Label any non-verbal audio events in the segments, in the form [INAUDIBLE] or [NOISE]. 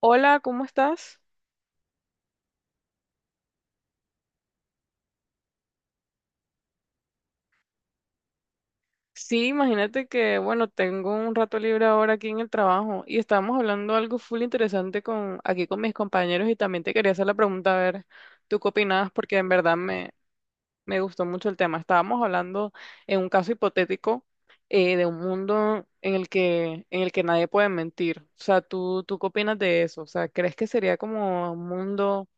Hola, ¿cómo estás? Sí, imagínate que, bueno, tengo un rato libre ahora aquí en el trabajo y estábamos hablando algo full interesante con, aquí con mis compañeros y también te quería hacer la pregunta, a ver, ¿tú qué opinabas? Porque en verdad me gustó mucho el tema. Estábamos hablando en un caso hipotético de un mundo en el que nadie puede mentir. O sea, ¿tú qué opinas de eso? O sea, ¿crees que sería como un mundo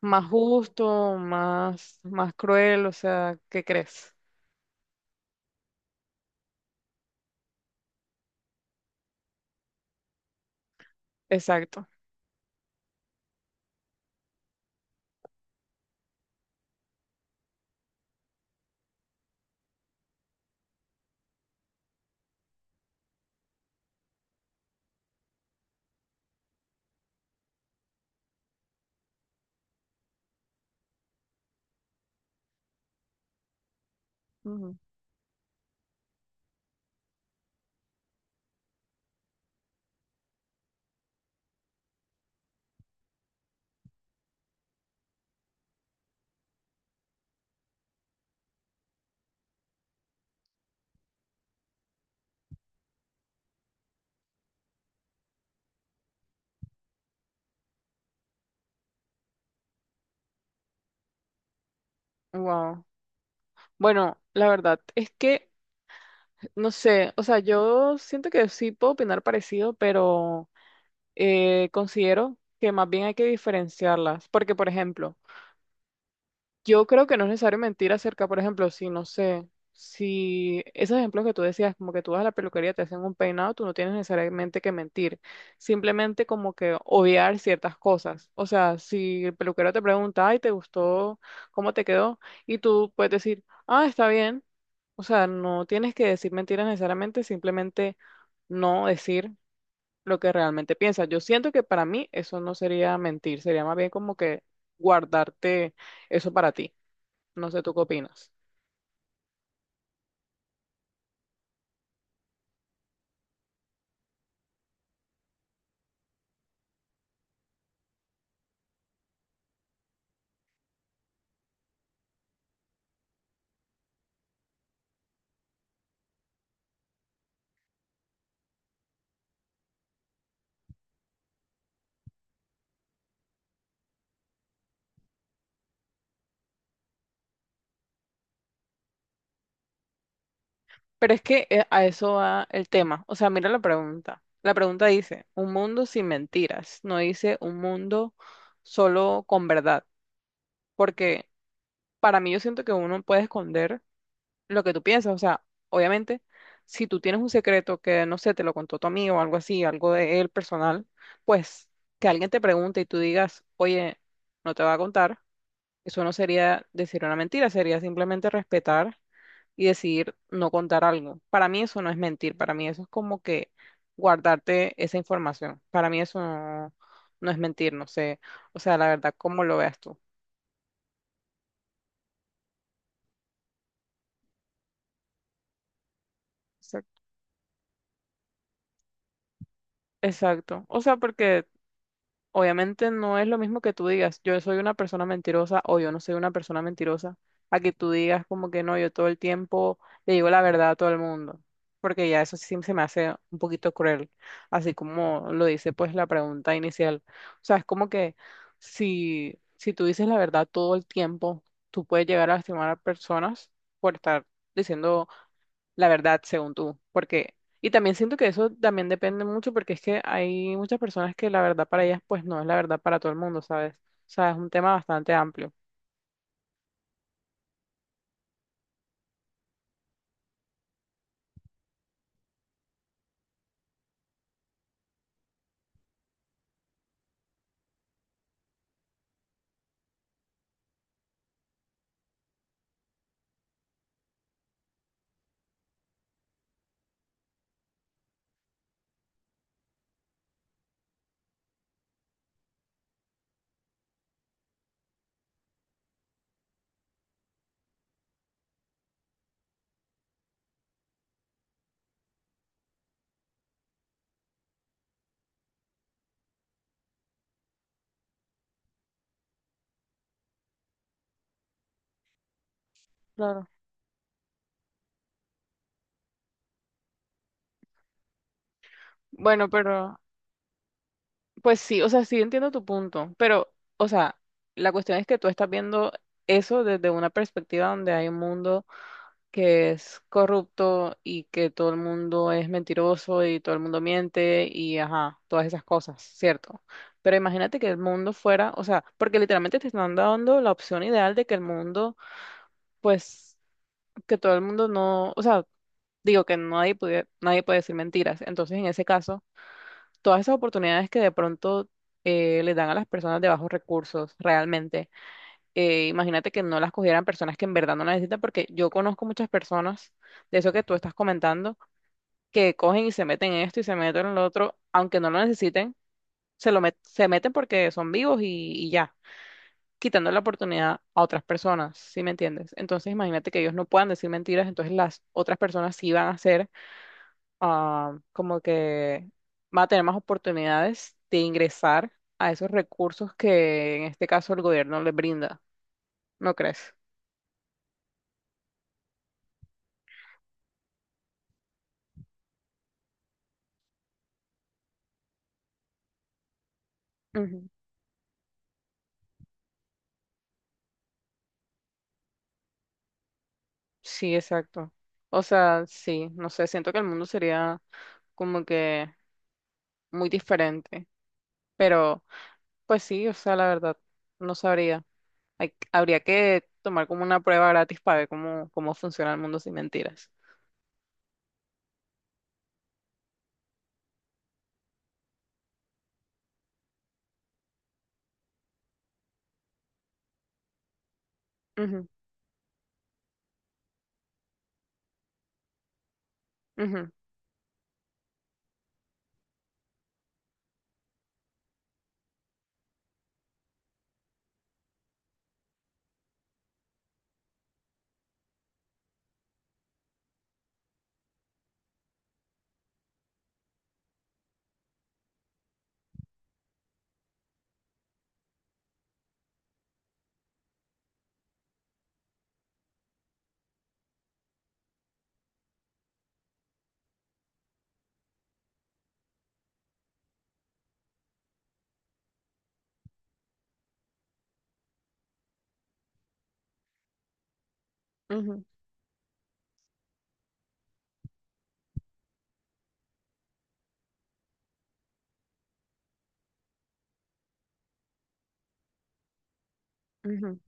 más justo, más, más cruel? O sea, ¿qué crees? Exacto. Wow. Bueno, la verdad es que, no sé, o sea, yo siento que sí puedo opinar parecido, pero considero que más bien hay que diferenciarlas, porque, por ejemplo, yo creo que no es necesario mentir acerca, por ejemplo, si no sé, si esos ejemplos que tú decías, como que tú vas a la peluquería, te hacen un peinado, tú no tienes necesariamente que mentir, simplemente como que obviar ciertas cosas. O sea, si el peluquero te pregunta, ay, ¿te gustó? ¿Cómo te quedó? Y tú puedes decir, ah, está bien. O sea, no tienes que decir mentiras necesariamente, simplemente no decir lo que realmente piensas. Yo siento que para mí eso no sería mentir, sería más bien como que guardarte eso para ti. No sé tú qué opinas. Pero es que a eso va el tema. O sea, mira la pregunta. La pregunta dice, un mundo sin mentiras. No dice un mundo solo con verdad. Porque para mí yo siento que uno puede esconder lo que tú piensas. O sea, obviamente, si tú tienes un secreto que, no sé, te lo contó tu amigo o algo así, algo de él personal, pues que alguien te pregunte y tú digas, oye, no te va a contar. Eso no sería decir una mentira, sería simplemente respetar. Y decidir no contar algo. Para mí eso no es mentir, para mí eso es como que guardarte esa información. Para mí eso no, no es mentir, no sé. O sea, la verdad, ¿cómo lo veas tú? Exacto. Exacto. O sea, porque obviamente no es lo mismo que tú digas, yo soy una persona mentirosa o yo no soy una persona mentirosa, a que tú digas como que no, yo todo el tiempo le digo la verdad a todo el mundo, porque ya eso sí se me hace un poquito cruel, así como lo dice pues la pregunta inicial. O sea, es como que si tú dices la verdad todo el tiempo, tú puedes llegar a lastimar a personas por estar diciendo la verdad, según tú, porque, y también siento que eso también depende mucho porque es que hay muchas personas que la verdad para ellas pues no es la verdad para todo el mundo, ¿sabes? O sea, es un tema bastante amplio. Claro. Bueno, pero, pues sí, o sea, sí entiendo tu punto, pero, o sea, la cuestión es que tú estás viendo eso desde una perspectiva donde hay un mundo que es corrupto y que todo el mundo es mentiroso y todo el mundo miente y ajá, todas esas cosas, ¿cierto? Pero imagínate que el mundo fuera, o sea, porque literalmente te están dando la opción ideal de que el mundo, pues, que todo el mundo no, o sea, digo que nadie puede, nadie puede decir mentiras. Entonces, en ese caso, todas esas oportunidades que de pronto le dan a las personas de bajos recursos realmente imagínate que no las cogieran personas que en verdad no las necesitan, porque yo conozco muchas personas de eso que tú estás comentando, que cogen y se meten en esto y se meten en lo otro, aunque no lo necesiten, se meten porque son vivos y ya, quitando la oportunidad a otras personas, ¿sí me entiendes? Entonces imagínate que ellos no puedan decir mentiras, entonces las otras personas sí van a ser ah, como que van a tener más oportunidades de ingresar a esos recursos que en este caso el gobierno les brinda, ¿no crees? Sí, exacto. O sea, sí, no sé, siento que el mundo sería como que muy diferente, pero pues sí, o sea, la verdad, no sabría. Habría que tomar como una prueba gratis para ver cómo, cómo funciona el mundo sin mentiras. Ujú, ujú, ujú, ujú.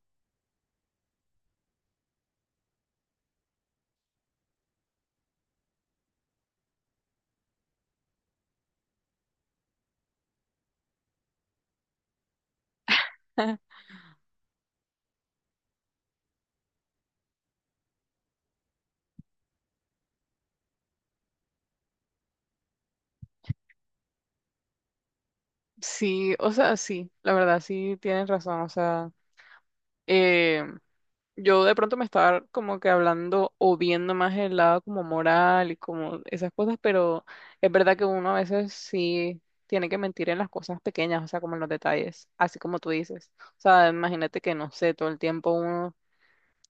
[LAUGHS] Sí, o sea, sí, la verdad, sí tienes razón, o sea, eh, yo de pronto me estaba como que hablando o viendo más el lado como moral y como esas cosas, pero es verdad que uno a veces sí tiene que mentir en las cosas pequeñas, o sea, como en los detalles, así como tú dices. O sea, imagínate que no sé, todo el tiempo uno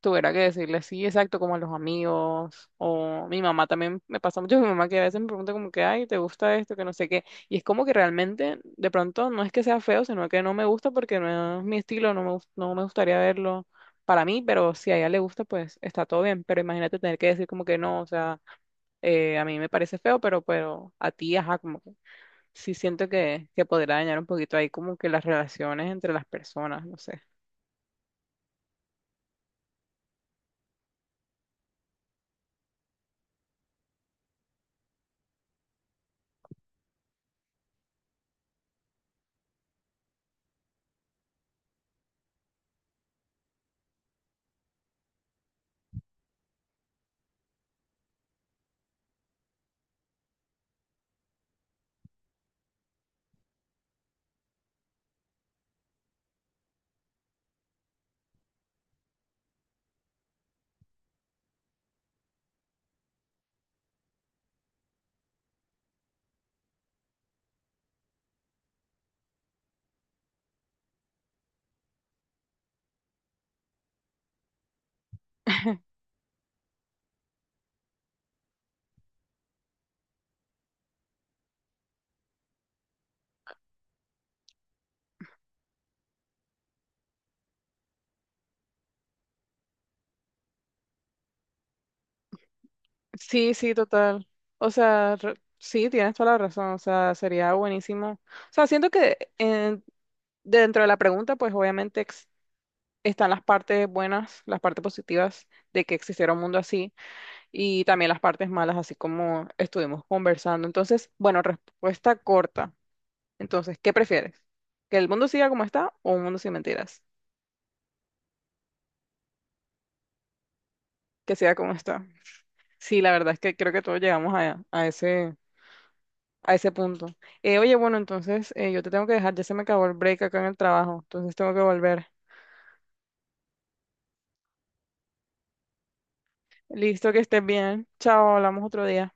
tuviera que decirle sí, exacto, como a los amigos, o mi mamá también me pasa mucho, [LAUGHS] mi mamá que a veces me pregunta como que, ay, ¿te gusta esto? Que no sé qué, y es como que realmente, de pronto, no es que sea feo, sino que no me gusta porque no es mi estilo, no me gustaría verlo para mí, pero si a ella le gusta, pues está todo bien, pero imagínate tener que decir como que no, o sea, a mí me parece feo, pero a ti, ajá, como que sí siento que podrá dañar un poquito ahí como que las relaciones entre las personas, no sé. Sí, sí, total. O sea, sí, tienes toda la razón. O sea, sería buenísimo. O sea, siento que dentro de la pregunta, pues obviamente están las partes buenas, las partes positivas de que existiera un mundo así y también las partes malas, así como estuvimos conversando. Entonces, bueno, respuesta corta. Entonces, ¿qué prefieres? ¿Que el mundo siga como está o un mundo sin mentiras? Que siga como está. Sí, la verdad es que creo que todos llegamos a ese. A ese punto. Oye, bueno, entonces yo te tengo que dejar, ya se me acabó el break acá en el trabajo, entonces tengo que volver. Listo, que estés bien. Chao, hablamos otro día.